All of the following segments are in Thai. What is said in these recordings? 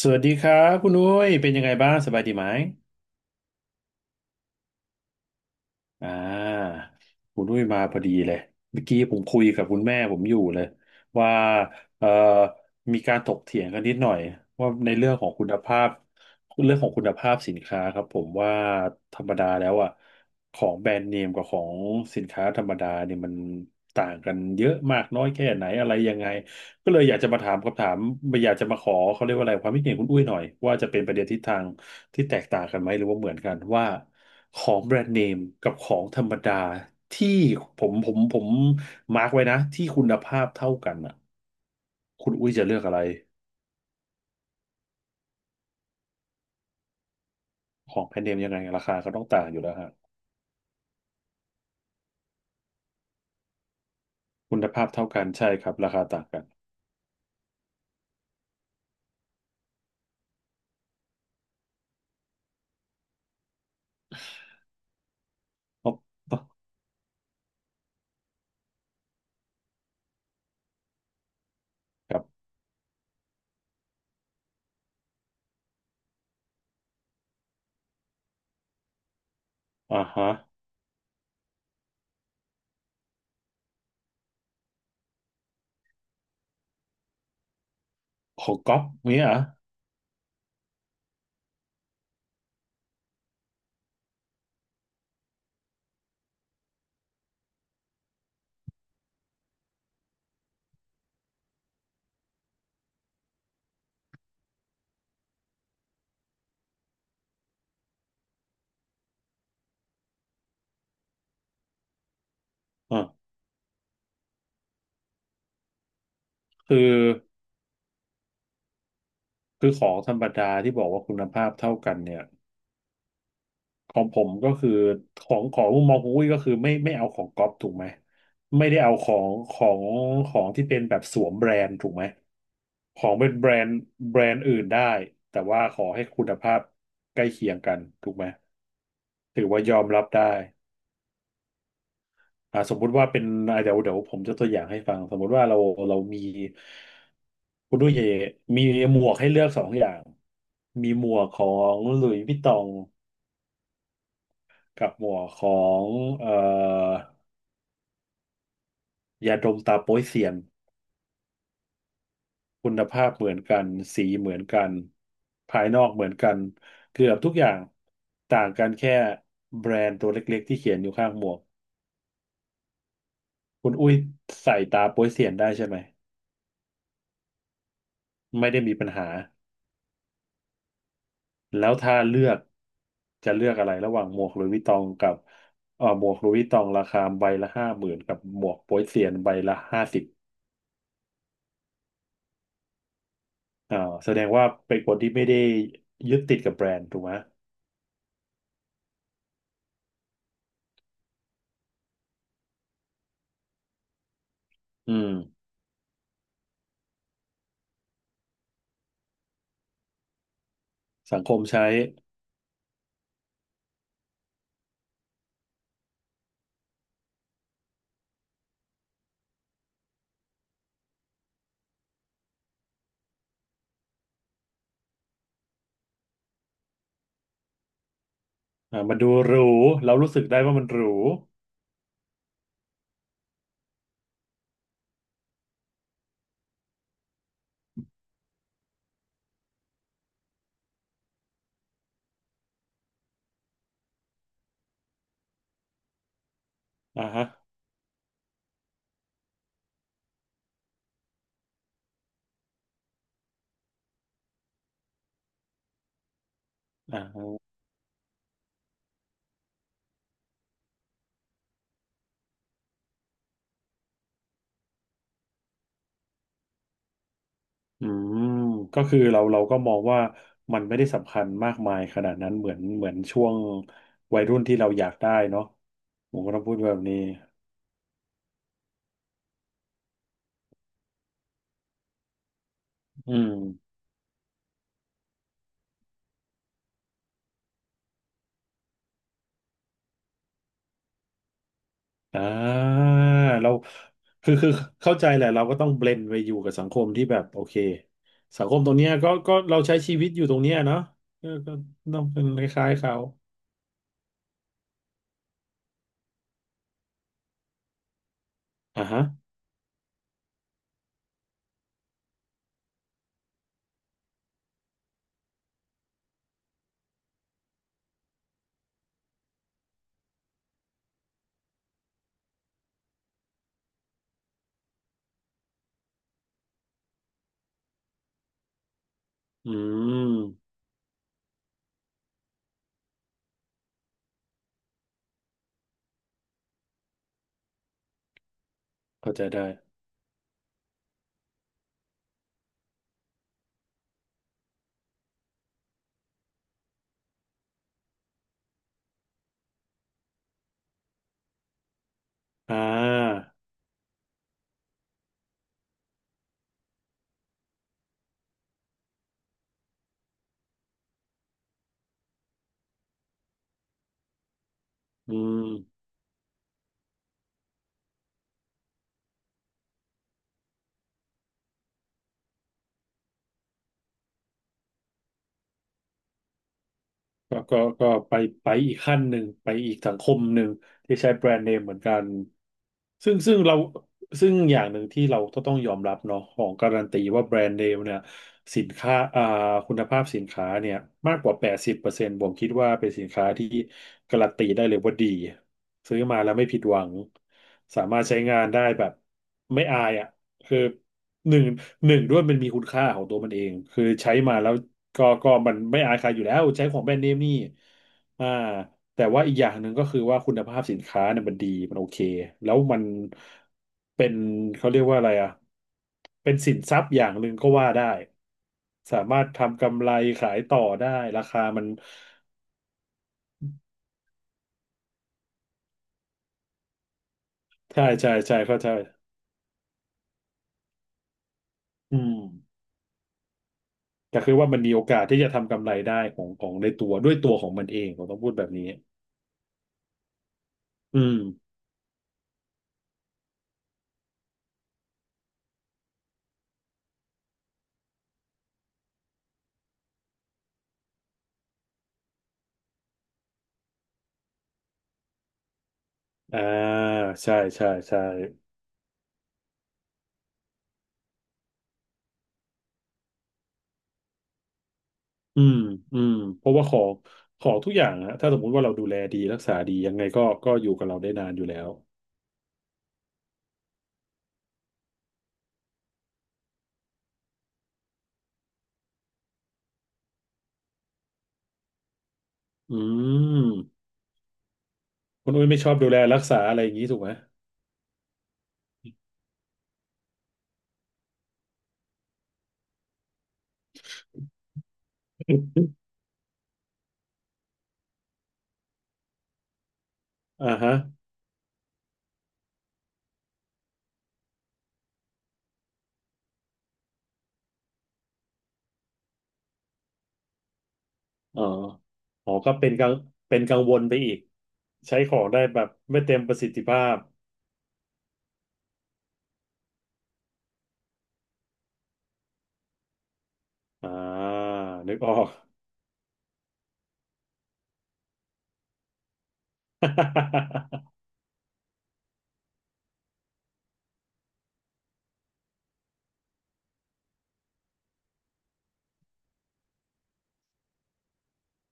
สวัสดีครับคุณอุ้ยเป็นยังไงบ้างสบายดีไหมอ่าคุณอุ้ยมาพอดีเลยเมื่อกี้ผมคุยกับคุณแม่ผมอยู่เลยว่าเอ่อมีการถกเถียงกันนิดหน่อยว่าในเรื่องของคุณภาพเรื่องของคุณภาพสินค้าครับผมว่าธรรมดาแล้วอ่ะของแบรนด์เนมกับของสินค้าธรรมดาเนี่ยมันต่างกันเยอะมากน้อยแค่ไหนอะไรยังไง ก็เลยอยากจะมาถามคำถามอยากจะมาขอเขาเรียกว่าอะไรความคิดเห็นคุณอุ้ยหน่อยว่าจะเป็นประเด็นทิศทางที่แตกต่างกันไหมหรือว่าเหมือนกันว่าของแบรนด์เนมกับของธรรมดาที่ผมมาร์กไว้นะที่คุณภาพเท่ากันอ่ะคุณอุ้ยจะเลือกอะไรของแบรนด์เนมยังไงราคาก็ต้องต่างอยู่แล้วฮะคุณภาพเท่ากันใช่ครับราคาต่างกันออบอ๊อบครับอ่าฮะของก๊อปเนี้ยเหรออ่ะคือคือของธรรมดาที่บอกว่าคุณภาพเท่ากันเนี่ย ของผมก็คือของมุมมองของอุ้ยก็คือไม่ไม่เอาของก๊อปถูกไหมไม่ได้เอาของที่เป็นแบบสวมแบรนด์ถูกไหมของเป็นแบรนด์แบรนด์อื่นได้แต่ว่าขอให้คุณภาพใกล้เคียงกันถูกไหมถือว่ายอมรับได้อ่าสมมุติว่าเป็นอ่าเดี๋ยวผมจะตัวอย่างให้ฟังสมมุติว่าเราเรามีคุณด้วยเยมีหมวกให้เลือกสองอย่างมีหมวกของหลุยส์วิตตองกับหมวกของเอ่อ ยาดมตาโป๊ยเซียนคุณภาพเหมือนกันสีเหมือนกันภายนอกเหมือนกันเกือบทุกอย่างต่างกันแค่แบรนด์ตัวเล็กๆที่เขียนอยู่ข้างหมวกคุณอุ้ยใส่ตาโป๊ยเซียนได้ใช่ไหมไม่ได้มีปัญหาแล้วถ้าเลือกจะเลือกอะไรระหว่างหมวกหลุยส์วิตตองกับหมวกหลุยส์วิตตองราคาใบละ50,000กับหมวกโป๊ยเซียนใบละ50อ่าแสดงว่าเป็นคนที่ไม่ได้ยึดติดกับแบรนด์ถูกไหมอืมสังคมใช้ มันดูหรูเรารู้สึกได้ว่ามันหรูอ่าฮะอ่าฮะอืมก็คือเราก็มองว่ามันไม่ได้สำคัญมากมายขนาดนั้นเหมือนช่วงวัยรุ่นที่เราอยากได้เนาะผมก็ต้องพูดแบบนี้อืมอ่าเราคือเข้าใจแหละเราก็ต้องเบลนไปอยู่กับสังคมที่แบบโอเคสังคมตรงเนี้ยก็เราใช้ชีวิตอยู่ตรงเนี้ยเนาะก็ต้องเป็นคล้ายๆเขาอ่าฮะอืมเข้าใจได้อ่า อืมก็ไปอีกขั้นหนึ่งไปอีกสังคมหนึ่งที่ใช้แบรนด์เนมเหมือนกันซึ่งซึ่งเราซึ่งอย่างหนึ่งที่เราก็ต้องยอมรับเนาะของการันตีว่าแบรนด์เนมเนี่ยสินค้าคุณภาพสินค้าเนี่ยมากกว่า80%ผมคิดว่าเป็นสินค้าที่การันตีได้เลยว่าดีซื้อมาแล้วไม่ผิดหวังสามารถใช้งานได้แบบไม่อายอ่ะคือ หนึ่งหนึ่งด้วยมันมีคุณค่าของตัวมันเองคือใช้มาแล้วก็มันไม่อายใครอยู่แล้วใช้ของแบรนด์เนมนี่อ่าแต่ว่าอีกอย่างหนึ่งก็คือว่าคุณภาพสินค้าเนี่ยมันดีมันโอเคแล้วมันเป็นเขาเรียกว่าอะไรอ่ะเป็นสินทรัพย์อย่างหนึ่งก็ว่าได้สามารถทำกำไรขายต่อได้ราคามันใช่ใช่ใช่เข้าใจอืมแต่คือว่ามันมีโอกาสที่จะทำกำไรได้ของของในตัวด้วยตัวของมันเองผมต้องพูดแบบนี้อืม อ่าใช่ใช่ใช่อืมอืมเพราะว่าของทุกอย่างฮะถ้าสมมุติว่าเราดูแลดีรักษาดียังไงก็อยู่กับเราได้นานอยู่แล้วอืมคุณอุ้ยไม่ชอบดูแลรักษาอะไรอย่างนี้ถูกไหม อ่าฮะอ๋ออ๋อก็เป็นกังเป็นกังวลไปอีกใช้ของได้แบบไม่เต็มประสิทธิภาพอ่านึกออก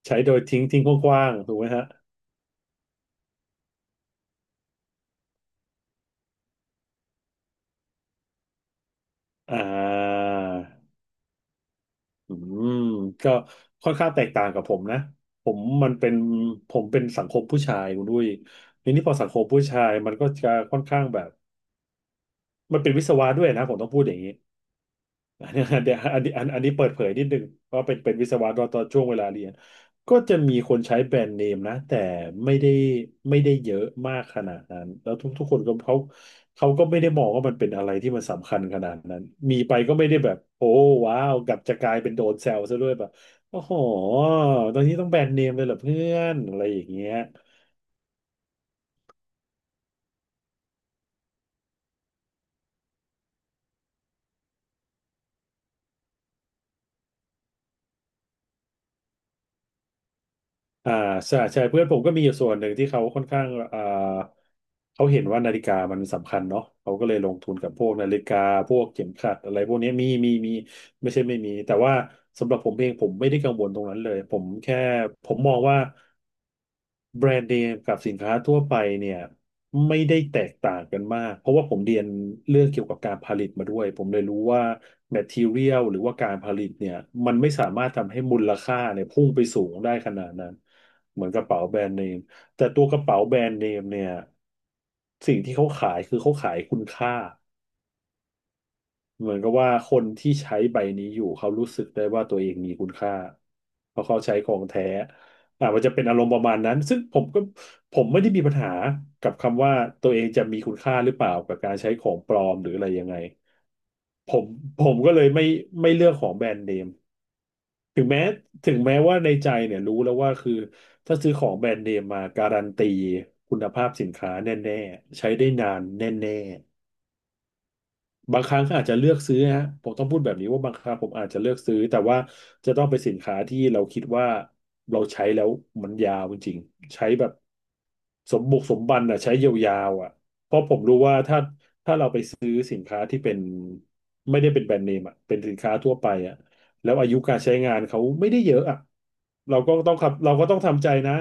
ใช้โดยทิ้งทิ้งกว้างๆถูกไหมฮะอ่า อืมก็ค่อนข้างแตกต่างกับผมนะผมมันเป็นผมเป็นสังคมผู้ชายคุณด้วยทีนี้พอสังคมผู้ชายมันก็จะค่อนข้างแบบมันเป็นวิศวะด้วยนะผมต้องพูดอย่างนี้ อันนี้ อันเนี้อันนี้อันอันนี้เปิดเผยนิดนึงว่าเป็นวิศวะตอนช่วงเวลาเรียนก็จะมีคนใช้แบรนด์เนมนะแต่ไม่ได้ไม่ได้เยอะมากขนาดนั้นแล้วทุกคนก็เขาก็ไม่ได้มองว่ามันเป็นอะไรที่มันสำคัญขนาดนั้นมีไปก็ไม่ได้แบบโอ้ว้าวกลับจะกลายเป็นโดนแซวซะด้วยแบบโอ้โหตอนนี้ต้องแบรนด์เนมเลยเหรอเพื่อนอะไรอย่างเงี้ย อ่าใช่ใช่เพื่อนผมก็มีอยู่ส่วนหนึ่งที่เขาค่อนข้างอ่าเขาเห็นว่านาฬิกามันสำคัญเนาะเขาก็เลยลงทุนกับพวกนาฬิกาพวกเข็มขัดอะไรพวกนี้มีไม่ใช่ไม่มีแต่ว่าสำหรับผมเองผมไม่ได้กังวลตรงนั้นเลยผมแค่ผมมองว่า แบรนด์เนมกับสินค้าทั่วไปเนี่ยไม่ได้แตกต่างกันมากเพราะว่าผมเรียนเรื่องเกี่ยวกับการผลิตมาด้วยผมเลยรู้ว่า material หรือว่าการผลิตเนี่ยมันไม่สามารถทำให้มูลค่าเนี่ยพุ่งไปสูงได้ขนาดนั้นเหมือนกระเป๋าแบรนด์เนมแต่ตัวกระเป๋าแบรนด์เนมเนี่ยสิ่งที่เขาขายคือเขาขายคุณค่า เหมือนกับว่าคนที่ใช้ใบนี้อยู่เขารู้สึกได้ว่าตัวเองมีคุณค่าเพราะเขาใช้ของแท้มันจะเป็นอารมณ์ประมาณนั้นซึ่งผมก็ผมไม่ได้มีปัญหากับคำว่าตัวเองจะมีคุณค่าหรือเปล่ากับการใช้ของปลอมหรืออะไรยังไงผมผมก็เลยไม่เลือกของแบรนด์เนมถึงแม้ถึงแม้ว่าในใจเนี่ยรู้แล้วว่าคือถ้าซื้อของแบรนด์เนมมาการันตีคุณภาพสินค้าแน่ๆใช้ได้นานแน่ บางครั้งก็อาจจะเลือกซื้อนะฮะผมต้องพูดแบบนี้ว่าบางครั้งผมอาจจะเลือกซื้อแต่ว่าจะต้องเป็นสินค้าที่เราคิดว่าเราใช้แล้วมันยาวจริงๆใช้แบบสมบุกสมบันอ่ะใช้ยาวๆอ่ะเพราะผมรู้ว่าถ้าสินค้าที่เป็นไม่ได้เป็นแบรนด์เนมอ่ะเป็นสินค้าทั่วไปอ่ะแล้วอายุการใช้งานเขาไม่ได้เยอะอ่ะเราก็ต้องขับเราก็ต้องทำใจนะ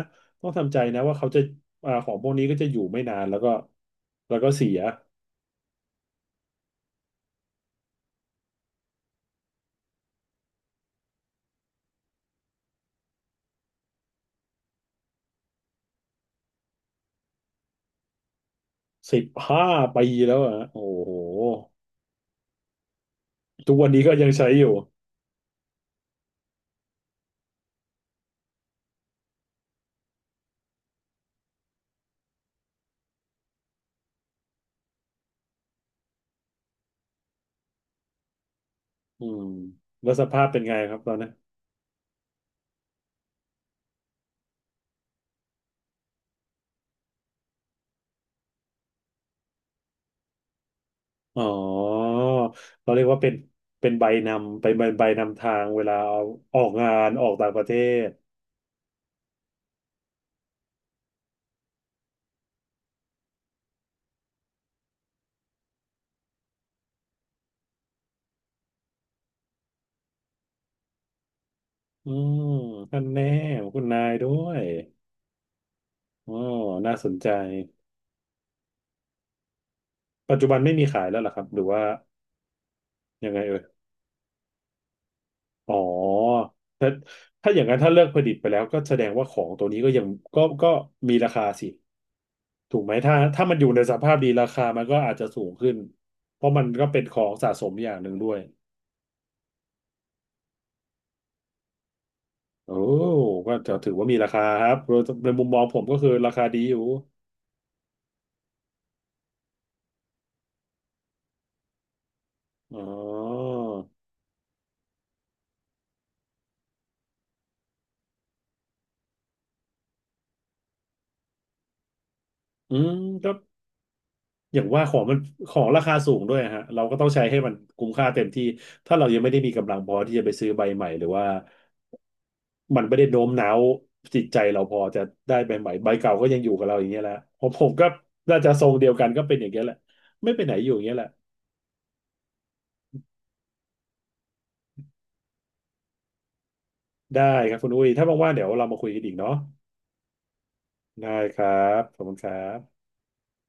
ต้องทำใจนะว่าเขาจะของพวกนี้ก็จะอยู่ไม่นานแล้วก็แล้วก็เสีย 15 ปีแล้วอ่ะโอ้โหทุกวันนี้ก็ยังใช้อยู่อืมแล้วสภาพเป็นไงครับตอนนั้นอ๋อเราเรียกว่าเป็นเป็นใบนำเป็นใบนำทางเวลาออกงานออกต่างประเทศอืมท่านแน่คุณนายด้วยอ๋อน่าสนใจปัจจุบันไม่มีขายแล้วเหรอครับหรือว่ายังไงเอ่ยอ๋อถ้าถ้าอย่างนั้นถ้าเลิกผลิตไปแล้วก็แสดงว่าของตัวนี้ก็ยังก็มีราคาสิ ถูกไหมถ้ามันอยู่ในสภาพดีราคามันก็อาจจะสูงขึ้นเพราะมันก็เป็นของสะสมอย่างหนึ่งด้วยโอ้ก็จะถือว่ามีราคาครับโดยในมุมมองผมก็คือราคาดีอยู่อ๋ออืมก็อย่างว่าของมันของราคาสูงด้วยฮะเราก็ต้องใช้ให้มันคุ้มค่าเต็มที่ถ้าเรายังไม่ได้มีกำลังพอที่จะไปซื้อใบใหม่หรือว่ามันไม่ได้โน้มน้าวจิตใจเราพอจะได้ใบใหม่ใบเก่าก็ยังอยู่กับเราอย่างเงี้ยแหละผมก็น่าจะทรงเดียวกันก็เป็นอย่างเงี้ยแหละไม่ไปไหนอยู่อย่างเงี้ยแหละ ได้ครับคุณอุ้ยถ้าว่างๆเดี๋ยวเรามาคุยกันอีกเนาะได้ครับขอบคุณครับ